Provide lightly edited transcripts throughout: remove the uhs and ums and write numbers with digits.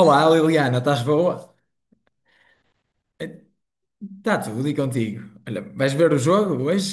Olá, Liliana, estás boa? Está tudo e contigo? Olha, vais ver o jogo hoje?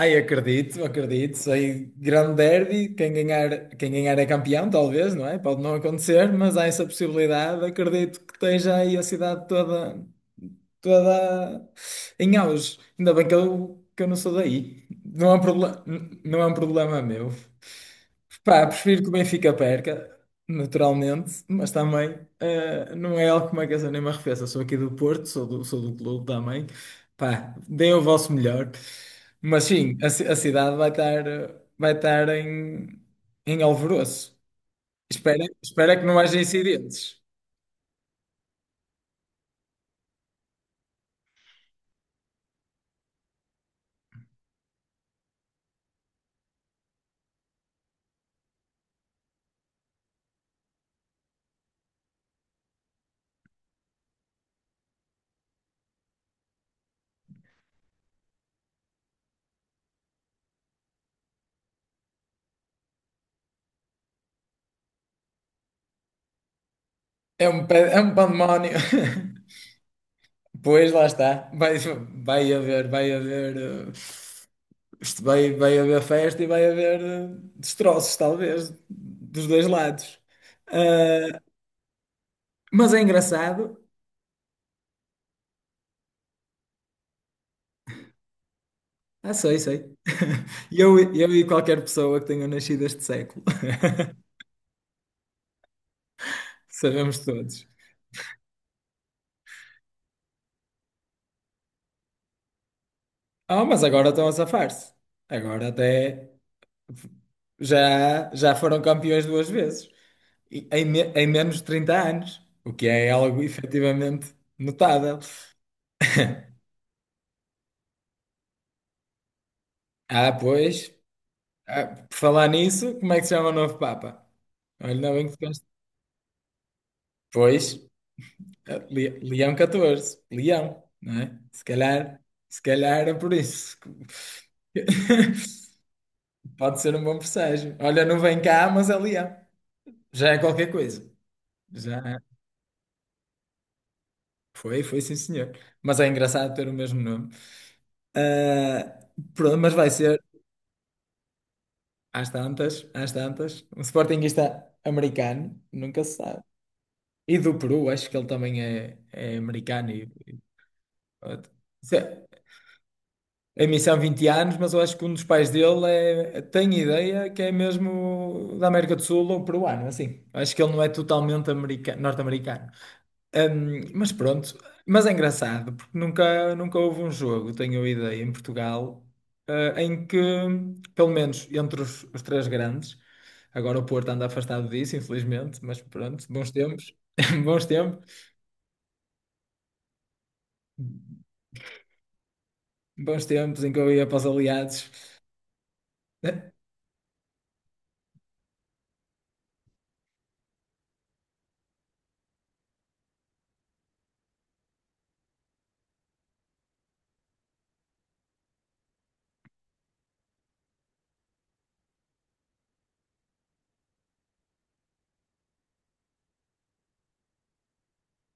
Ai, acredito, acredito. Sei grande derby, quem ganhar é campeão, talvez, não é? Pode não acontecer, mas há essa possibilidade. Acredito que esteja aí a cidade toda, toda em auge. Ainda bem que eu não sou daí. Não é um problema, não é um problema meu. Pá, prefiro que o Benfica perca, naturalmente, mas também não é algo que me aqueça nem me arrefeça. Sou aqui do Porto, sou do clube também. Pá, deem o vosso melhor. Mas sim, a cidade vai estar em alvoroço. Espera, espera que não haja incidentes. É um pandemónio. Pois, lá está. Vai haver, vai haver. eh, Isto vai haver festa e vai haver destroços, talvez, dos dois lados. Ah, mas é engraçado. Ah, sei, sei. Eu e qualquer pessoa que tenha nascido este século. Sabemos todos. Ah, mas agora estão a safar-se. Agora até já foram campeões duas vezes. Em menos de 30 anos. O que é algo efetivamente notável. Ah, pois. Ah, por falar nisso, como é que se chama o novo Papa? Olha, ainda bem que ficaste. Pois, Leão XIV, Leão, não é? Se calhar era por isso. Pode ser um bom presságio. Olha, não vem cá, mas é Leão. Já é qualquer coisa. Já é. Foi sim, senhor. Mas é engraçado ter o mesmo nome. Ah, pronto, mas vai ser às tantas, às tantas. Um sportinguista americano, nunca se sabe. E do Peru, acho que ele também é americano. Se- a missão 20 anos, mas eu acho que um dos pais dele tem ideia que é mesmo da América do Sul ou peruano, assim. Acho que ele não é totalmente norte-americano. Mas pronto, mas é engraçado, porque nunca, nunca houve um jogo, tenho a ideia, em Portugal, em que, pelo menos entre os três grandes, agora o Porto anda afastado disso, infelizmente, mas pronto, bons tempos, bons tempos. Bons tempos em que eu ia para os aliados. Né?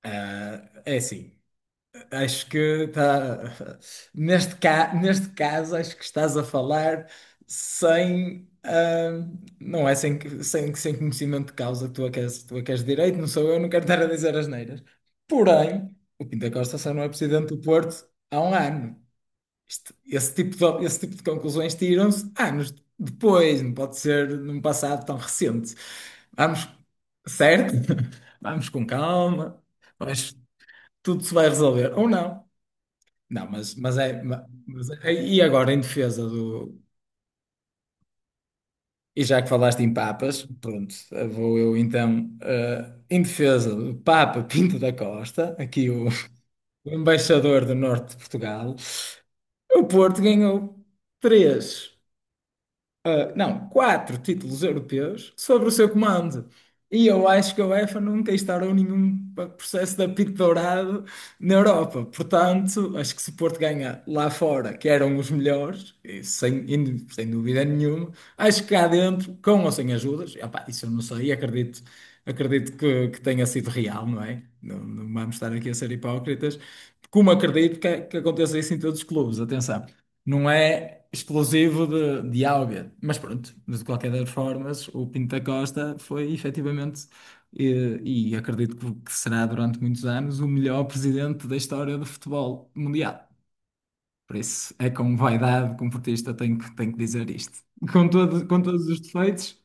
Ah, é assim, acho que está. Neste caso, acho que estás a falar sem. Ah, não é sem, sem conhecimento de causa. Tu é que és, tu é que és de direito, não sou eu, não quero estar a dizer asneiras. Porém, o Pinto da Costa só não é presidente do Porto há um ano. Esse tipo de conclusões tiram-se anos depois, não pode ser num passado tão recente. Vamos, certo? Vamos com calma, mas tudo se vai resolver. Ou não. Não, e agora, em defesa do. E já que falaste em papas, pronto, vou eu então, em defesa do Papa Pinto da Costa, aqui o, o embaixador do norte de Portugal, o Porto ganhou três, ah, não, quatro títulos europeus sobre o seu comando. E eu acho que a UEFA nunca instaurou nenhum processo de apito dourado na Europa. Portanto, acho que se o Porto ganha lá fora, que eram os melhores, e sem dúvida nenhuma, acho que cá dentro, com ou sem ajudas, opá, isso eu não sei, acredito, acredito que tenha sido real, não é? Não, não vamos estar aqui a ser hipócritas, como acredito que aconteça isso em todos os clubes, atenção não é explosivo de, Ábia. Mas pronto, mas de qualquer das formas, o Pinto da Costa foi efetivamente, e acredito que será durante muitos anos, o melhor presidente da história do futebol mundial. Por isso, é com vaidade, como portista, tenho que dizer isto. Com todos os defeitos,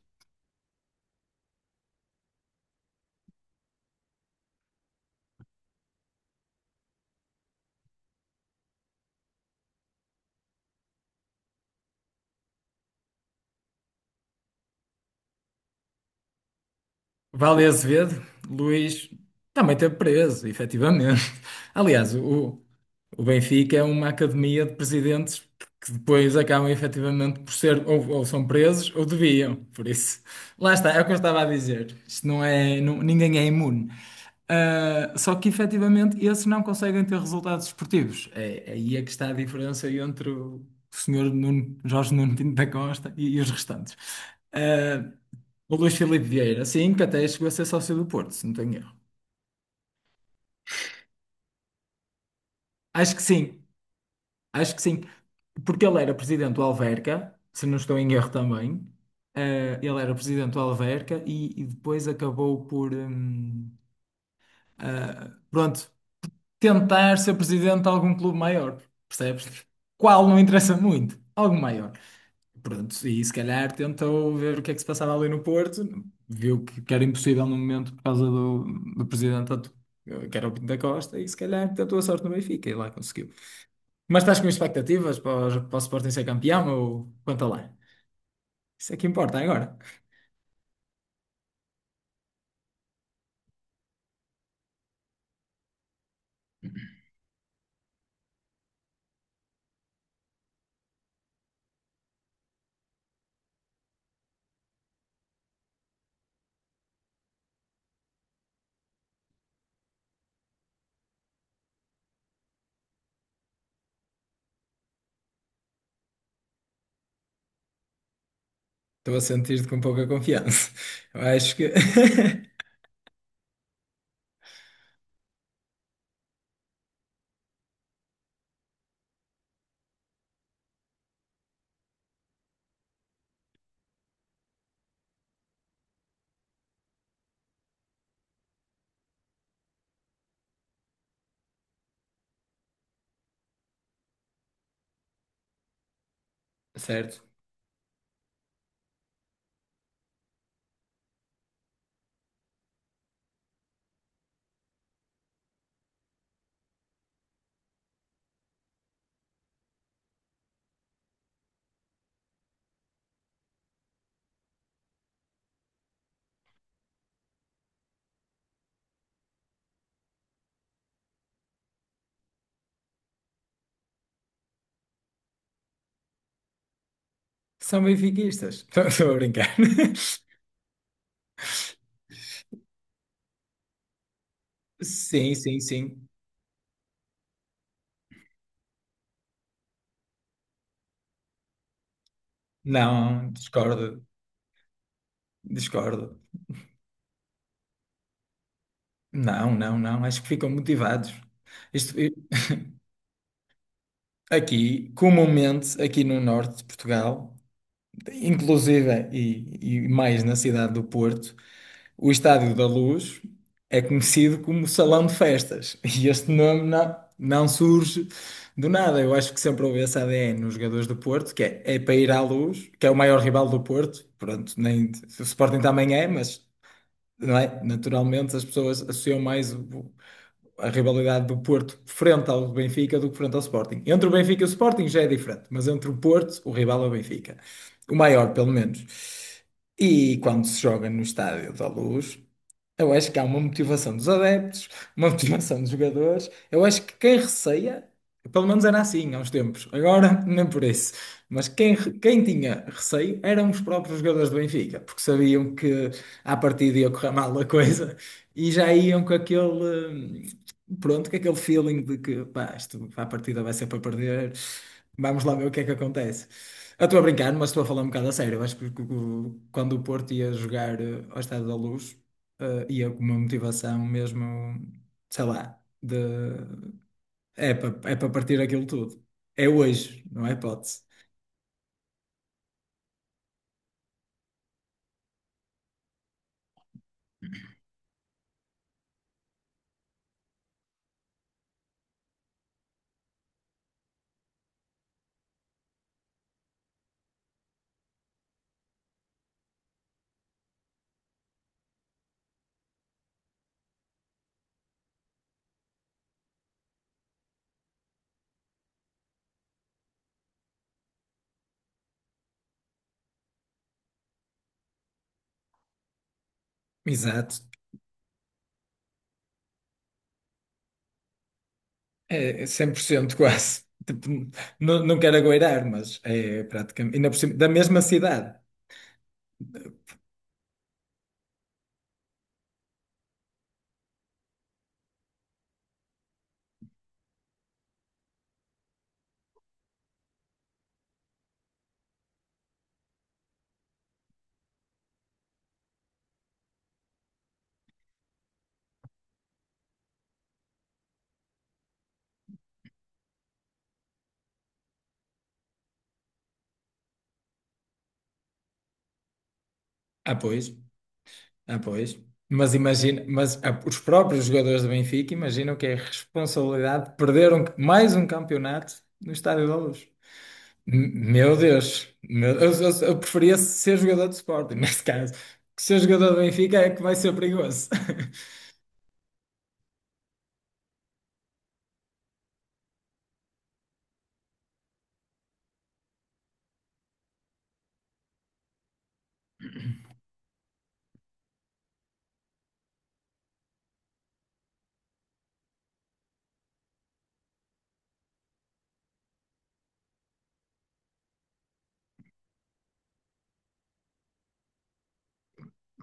Vale Azevedo, Luís também esteve preso, efetivamente. Aliás, o, O Benfica é uma academia de presidentes que depois acabam efetivamente por ser ou são presos ou deviam. Por isso, lá está, é o que eu estava a dizer. Isto ninguém é imune. Ah, só que efetivamente esses não conseguem ter resultados esportivos. É aí é que está a diferença entre o senhor Jorge Nuno Pinto da Costa e os restantes. Ah, o Luís Filipe Vieira, sim, que até chegou a ser sócio do Porto, se não tenho erro. Acho que sim. Acho que sim, porque ele era presidente do Alverca, se não estou em erro também. Ele era presidente do Alverca e depois acabou por, pronto, tentar ser presidente de algum clube maior, percebes? Qual não interessa muito, algo maior. Pronto, e se calhar tentou ver o que é que se passava ali no Porto, viu que era impossível no momento por causa do presidente que era o Pinto da Costa, e se calhar tentou a sorte no Benfica e lá conseguiu. Mas estás com expectativas para o Sporting ser campeão ou quanto lá? Isso é que importa agora. Estou a sentir-te com pouca confiança. Eu acho que. Certo. São benfiquistas. Estou a brincar. Sim, sim, sim. Não, discordo. Discordo. Não, não, não. Acho que ficam motivados. Isto, aqui, comumente, aqui no norte de Portugal, inclusive e mais na cidade do Porto. O Estádio da Luz é conhecido como Salão de Festas e este nome não surge do nada. Eu acho que sempre houve esse ADN nos jogadores do Porto, que é para ir à Luz, que é o maior rival do Porto. Pronto, nem, o Sporting também é, mas não é? Naturalmente as pessoas associam mais a rivalidade do Porto frente ao Benfica do que frente ao Sporting. Entre o Benfica e o Sporting já é diferente, mas entre o Porto, o rival é o Benfica. O maior, pelo menos. E quando se joga no Estádio da Luz. Eu acho que há uma motivação dos adeptos, uma motivação dos jogadores. Eu acho que quem receia, pelo menos era assim há uns tempos, agora nem por isso, mas quem, tinha receio eram os próprios jogadores do Benfica, porque sabiam que à partida ia correr mal a coisa e já iam com aquele, pronto, com aquele feeling de que pá, isto, à partida vai ser para perder, vamos lá ver o que é que acontece. Eu estou a brincar, mas estou a falar um bocado a sério. Eu acho que quando o Porto ia jogar ao Estádio da Luz uma motivação mesmo, sei lá, de, é para é para partir aquilo tudo. É hoje, não é hipótese. Exato. É 100% quase. Tipo, não, não quero agoirar, mas é praticamente. Ainda por cima, da mesma cidade. Ah, pois. Ah, pois. Mas imagina, mas os próprios jogadores do Benfica imaginam que é a responsabilidade de perder mais um campeonato no Estádio da Luz. Meu Deus, eu preferia ser jogador de Sporting, neste caso. Que ser jogador do Benfica é que vai ser perigoso.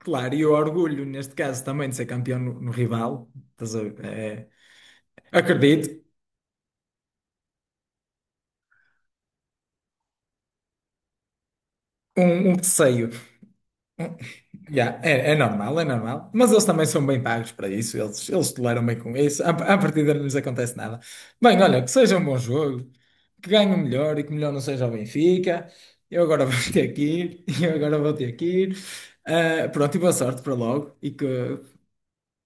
Claro, e o orgulho, neste caso, também de ser campeão no, rival. Estás a ver? É, acredito, um receio. Yeah, é normal, é normal. Mas eles também são bem pagos para isso, eles toleram bem com isso. À partida não lhes acontece nada. Bem, olha, que seja um bom jogo, que ganhe o melhor e que o melhor não seja o Benfica. Eu agora vou ter que ir, eu agora vou ter que ir. Ah, pronto, e boa sorte para logo e que,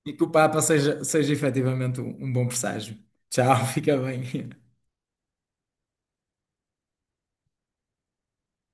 e que o Papa seja efetivamente um bom presságio. Tchau, fica bem.